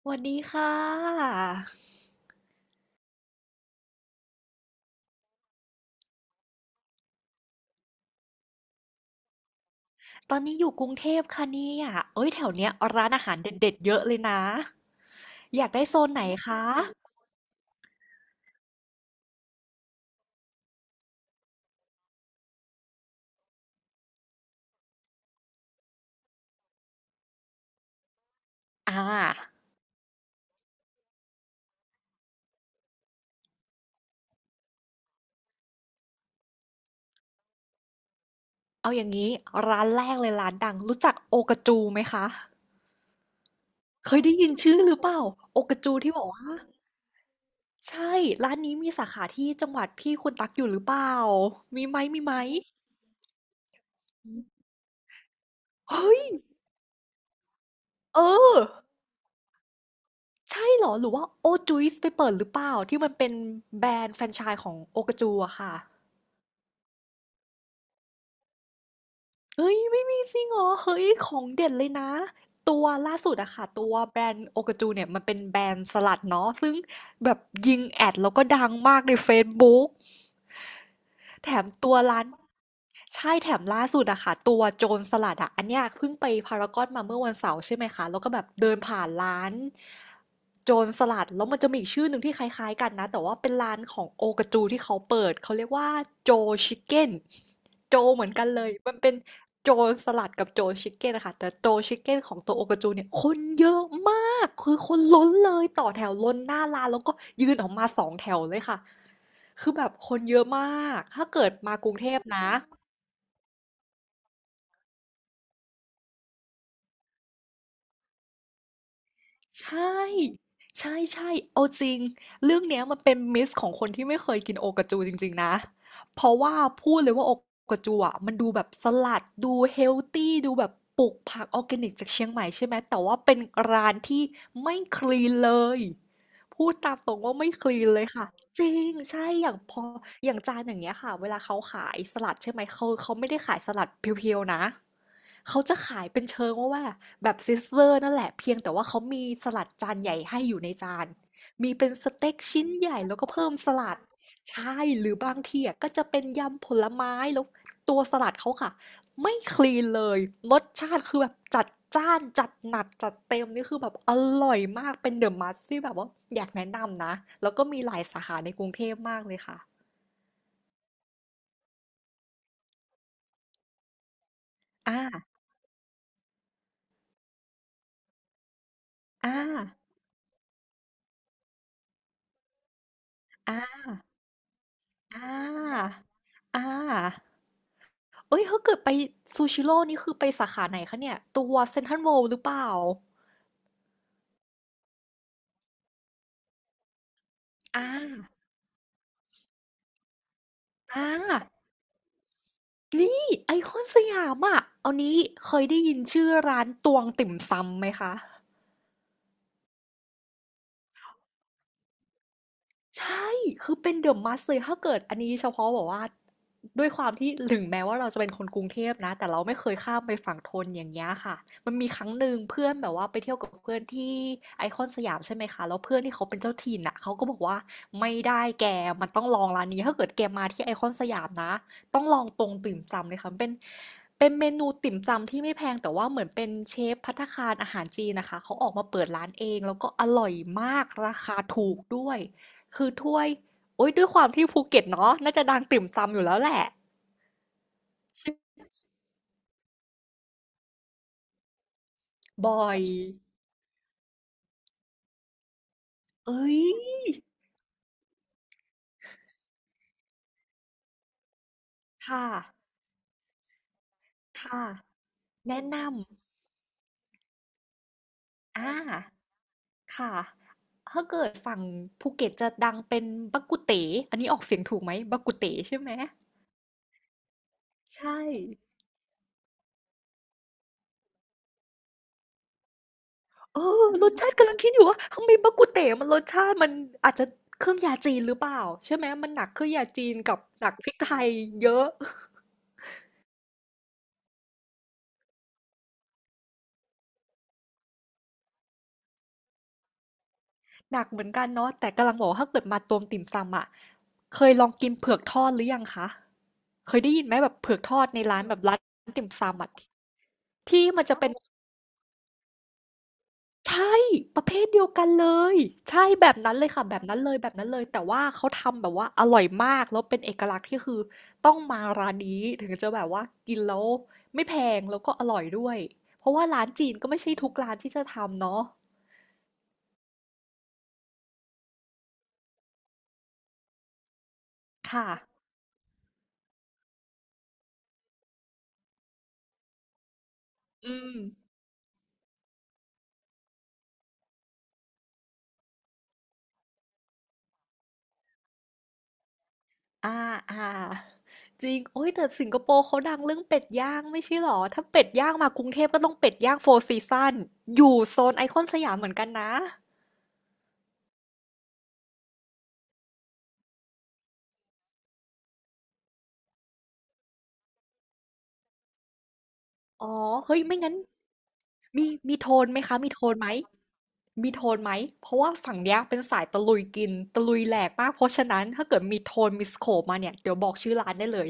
สวัสดีค่ะ ตอนนี้อยู่กรุงเทพค่ะเนี่ยเอ้ยแถวเนี้ยร้านอาหารเด็ดๆเยอะเลยนะ อยากได้โซนไหนคะอ่าเอาอย่างนี้ร้านแรกเลยร้านดังรู้จักโอกาจูไหมคะ เคยได้ยินชื่อหรือเปล่าโอกาจูที่บอกว่าใช่ร้านนี้มีสาขาที่จังหวัดพี่คุณตักอยู่หรือเปล่ามีไหมมีไหมเฮ้ยเออใช่เหรอหรือว่าโอจุยส์ไปเปิดหรือเปล่าที่มันเป็นแบรนด์แฟรนไชส์ของโอกาจูอะค่ะ เฮ้ยไม่มีจริงเหรอเฮ้ยของเด็ดเลยนะตัวล่าสุดอะค่ะตัวแบรนด์โอกาจูเนี่ยมันเป็นแบรนด์สลัดเนาะซึ่งแบบยิงแอดแล้วก็ดังมากในเฟซบุ๊ก แถมตัวร้านใช่แถมล่าสุดอะค่ะตัวโจรสลัดอะอันเนี้ยเพิ่งไปพารากอนมาเมื่อวันเสาร์ใช่ไหมคะแล้วก็แบบเดินผ่านร้านโจรสลัดแล้วมันจะมีอีกชื่อหนึ่งที่คล้ายๆกันนะแต่ว่าเป็นร้านของโอกาจูที่เขาเปิดเขาเรียกว่าโจชิคเก้นโจเหมือนกันเลยมันเป็นโจรสลัดกับโจชิคเก้นนะคะแต่โจชิคเก้นของตัวโอกาจูเนี่ยคนเยอะมากคือคนล้นเลยต่อแถวล้นหน้าร้านแล้วก็ยืนออกมาสองแถวเลยค่ะ คือแบบคนเยอะมาก ถ้าเกิดมากรุงเทพนะ ใช่ ใช่ใช่เอาจริง เรื่องเนี้ยมันเป็นมิสของคนที่ไม่เคยกินโอกาจูจริงๆนะ เพราะว่าพูดเลยว่าโอกาจูอ่ะมันดูแบบสลัดดูเฮลตี้ดูแบบปลูกผักออร์แกนิกจากเชียงใหม่ใช่ไหม แต่ว่าเป็นร้านที่ไม่คลีนเลยพูดตามตรงว่าไม่คลีนเลยค่ะจริง ใช่ อย่างพออย่างจานอย่างเงี้ยค่ะ เวลาเขาขายสลัดใช่ไหมเขาไม่ได้ขายสลัดเพียวๆนะ เขาจะขายเป็นเชิงว่าแบบซิสเลอร์นั่นแหละเพียงแต่ว่าเขามีสลัดจานใหญ่ให้อยู่ในจานมีเป็นสเต็กชิ้นใหญ่แล้วก็เพิ่มสลัดใช่หรือบางทีอ่ะก็จะเป็นยำผลไม้แล้วตัวสลัดเขาค่ะไม่คลีนเลยรสชาติคือแบบจัดจ้านจัดหนักจัดเต็มนี่คือแบบอร่อยมากเป็นเดอะมัสที่แบบว่าอยากแนะนำนะแล้วก็มีหลายสาขาในกรุงเทพมากเลยค่ะอ่าอ่าอ่าอ่าอ่า เอ้ยถ้าเกิดไปซูชิโร่นี่คือไปสาขาไหนคะเนี่ยตัวเซ็นทรัลเวิลด์หรือเปล่าอ่าอ่านี่ไอคอนสยามอ่ะเอานี้เคยได้ยินชื่อร้านตวงติ่มซำไหมคะ ใช่ คือเป็น The Must เลย ถ้าเกิดอันนี้เฉพาะแบอกว่าด้วยความที่ถึงแม้ว่าเราจะเป็นคนกรุงเทพนะ แต่เราไม่เคยข้ามไปฝั่งธนอย่างเงี้ยค่ะ มันมีครั้งหนึ่งเพื่อนแบบว่าไปเที่ยวกับเพื่อนที่ไอคอนสยามใช่ไหมคะ แล้วเพื่อนที่เขาเป็นเจ้าถิ่นอ่ะเขาก็บอกว่าไม่ได้แกมันต้องลองร้านนี้ถ้าเกิดแกมาที่ไอคอนสยามนะต้องลองตรงติ่มซำเลยค่ะมันเป็นเมนูติ่มซำที่ไม่แพงแต่ว่าเหมือนเป็นเชฟภัตตาคารอาหารจีนนะคะเขาออกมาเปิดร้านเองแล้วก็อร่อยมากราคาถูกด้วย คือถ้วยโอ๊ยด้วยความที่ภูเก็ตเนาะน่าจะดังติ่มซำอยู่แล้วแหละบอยเอ้ยค่ะค่ะแนะนำค่ะถ้าเกิดฝั่งภูเก็ตจะดังเป็นบักกุเต๋อันนี้ออกเสียงถูกไหมบักกุเต๋ใช่ไหมใช่เออรสชาติกำลังคิดอยู่ว่าทำไมบักกุเต๋มันรสชาติมันอาจจะเครื่องยาจีนหรือเปล่าใช่ไหมมันหนักเครื่องยาจีนกับหนักพริกไทยเยอะ หนักเหมือนกันเนาะแต่กำลังบอกว่าถ้าเกิดมาตวงติ่มซำอะเคยลองกินเผือกทอดหรือยังคะเคยได้ยินไหมแบบเผือกทอดในร้านแบบร้านติ่มซำอะที่มันจะเป็นใช่ประเภทเดียวกันเลยใช่แบบนั้นเลยค่ะแบบนั้นเลยแบบนั้นเลยแต่ว่าเขาทำแบบว่าอร่อยมากแล้วเป็นเอกลักษณ์ที่คือต้องมาร้านนี้ถึงจะแบบว่ากินแล้วไม่แพงแล้วก็อร่อยด้วยเพราะว่าร้านจีนก็ไม่ใช่ทุกร้านที่จะทำเนาะค่ะอืม อ่า อ่าจริงโอ้ยแต่สิงคโปร์เขาดังเรื่องเป็ดย่างไม่ใช่หรอถ้าเป็ดย่างมากรุงเทพก็ต้องเป็ดย่างโฟร์ซีซันอยู่โซนไอคอนสยามเหมือนกันนะอ๋อเฮ้ยไม่งั้นมีโทนไหมคะมีโทนไหมมีโทนไหมเพราะว่าฝั่งเนี้ยเป็นสายตะลุยกินตะลุยแหลกมากเพราะฉะนั้นถ้าเกิดมีโทนมีสโคปมาเนี่ยเดี๋ยวบอกชื่อร้านได้เลย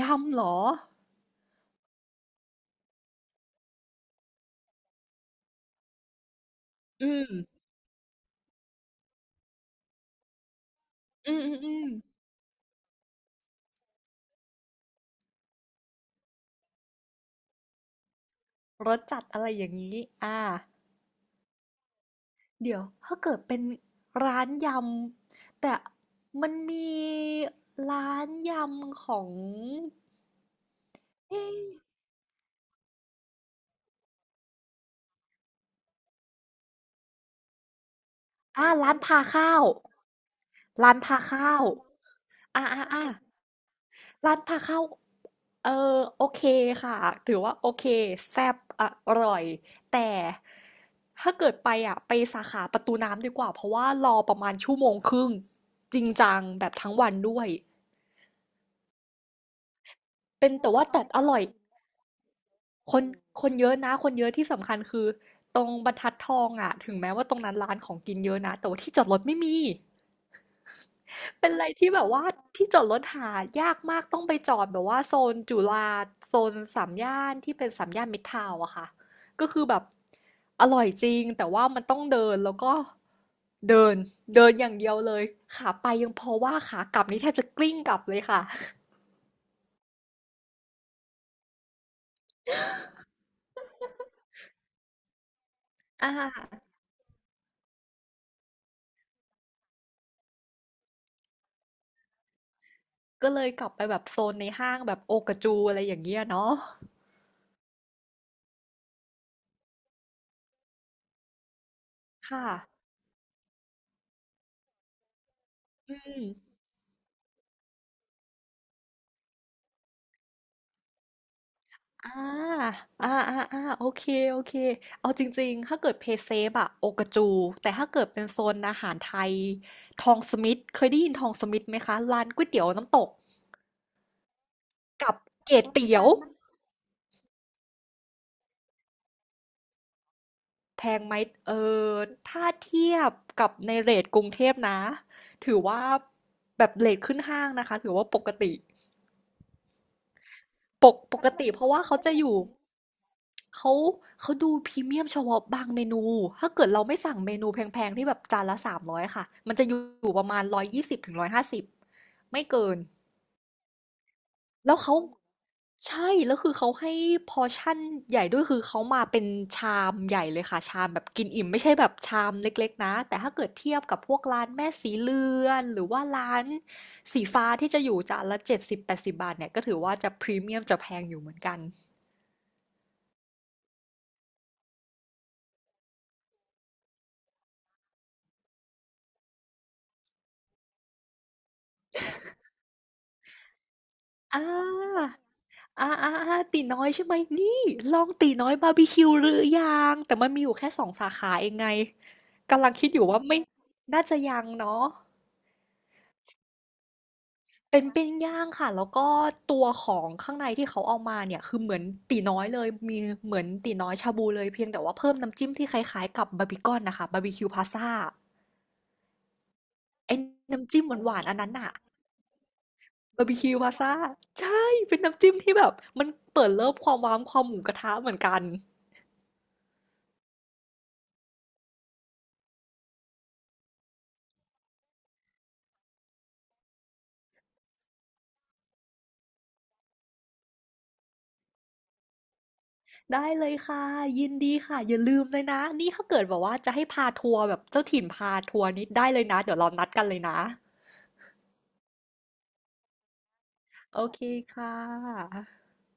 ยำเหรออืมอืมอืมอืมรสจัดอะไรอย่างนี้อ่า เดี๋ยวถ้าเกิดเป็นร้านยำแต่มันมีร้านยำของเอ๊ะอ่าร้านพาข้าวร้านพาข้าวอ่าอ่าอ่าร้านพาข้าวเออโอเคค่ะถือว่าโอเคแซ่บอร่อยแต่ถ้าเกิดไปอ่ะไปสาขาประตูน้ำดีกว่าเพราะว่ารอประมาณชั่วโมงครึ่งจริงจังแบบทั้งวันด้วยเป็นแต่ว่าแต่อร่อย คนคนเยอะนะคนเยอะที่สำคัญคือตรงบรรทัดทองอะถึงแม้ว่าตรงนั้นร้านของกินเยอะนะแต่ว่าที่จอดรถไม่มีเป็นอะไรที่แบบว่าที่จอดรถหายากมากต้องไปจอดแบบว่าโซนจุฬาโซนสามย่านที่เป็นสามย่านมิตรทาวน์อะค่ะก็คือแบบอร่อยจริงแต่ว่ามันต้องเดินแล้วก็เดินเดินอย่างเดียวเลยขาไปยังพอว่าขากลับนี่แทบจะกลิ้งกลับเลยค่ะ อ่าก็เลยกลับไปแบบโซนในห้างแบบโอกาจูอะไรอย่างเงี้ยเนาะค่ะ อืมอ่าอ่าอ่าอ่าโอเค โอเค เอาจริงๆ ถ้าเกิดเพย์เซฟอะโอกาจู แต่ถ้าเกิดเป็นโซนอาหารไทย ทองสมิธเคยได้ยินทองสมิธไหมคะร้านก๋วยเตี๋ยวน้ำตกกับเก๋เตี๋ยวแพงไหม เออ ถ้าเทียบกับในเรทกรุงเทพนะ ถือว่าแบบเรทขึ้นห้างนะคะ ถือว่าปกติ ปกติเพราะว่าเขาจะอยู่เขาเขาดูพรีเมียมเฉพาะบางเมนู ถ้าเกิดเราไม่สั่งเมนูแพงๆที่แบบจานละ300ค่ะ มันจะอยู่ประมาณ120ถึง150ไม่เกิน แล้วเขาใช่แล้วคือเขาให้พอชั่นใหญ่ด้วยคือเขามาเป็นชามใหญ่เลยค่ะชามแบบกินอิ่มไม่ใช่แบบชามเล็กๆนะแต่ถ้าเกิดเทียบกับพวกร้านแม่สีเรือนหรือว่าร้านสีฟ้าที่จะอยู่จานละ7080บาทเนี่ยก็ถือว่าจะพรีเมียมจะแพงอยู่เหมือนกัน อาอาๆๆตีน้อยใช่ไหมนี่ลองตีน้อยบาร์บีคิวหรือยังแต่มันมีอยู่แค่สองสาขาเองไงกำลังคิดอยู่ว่าไม่น่าจะยังเนาะเป็นปิ้งย่างค่ะแล้วก็ตัวของข้างในที่เขาเอามาเนี่ยคือเหมือนตีน้อยเลยมีเหมือนตีน้อยชาบูเลยเพียงแต่ว่าเพิ่มน้ำจิ้มที่คล้ายๆกับบาร์บีคอนนะค่ะบาร์บีคิวพาซ่าไอ้น้ำจิ้มหวานๆอันนั้นอ่ะบาร์บีคิวพาซ่าใช่เป็นน้ำจิ้มที่แบบมันเปิดเลิฟความว้ามความหมูกระทะเหมือนกัน ได้เลยค่ะยินดีค่ะอย่าลืมเลยนะนี่ถ้าเกิดแบบว่าจะให้พาทัวร์แบบเจ้าถิ่นพาทัวร์นี้ได้เลยนะเดี๋ยวเรานัดกันเลยนะโอเคค่ะ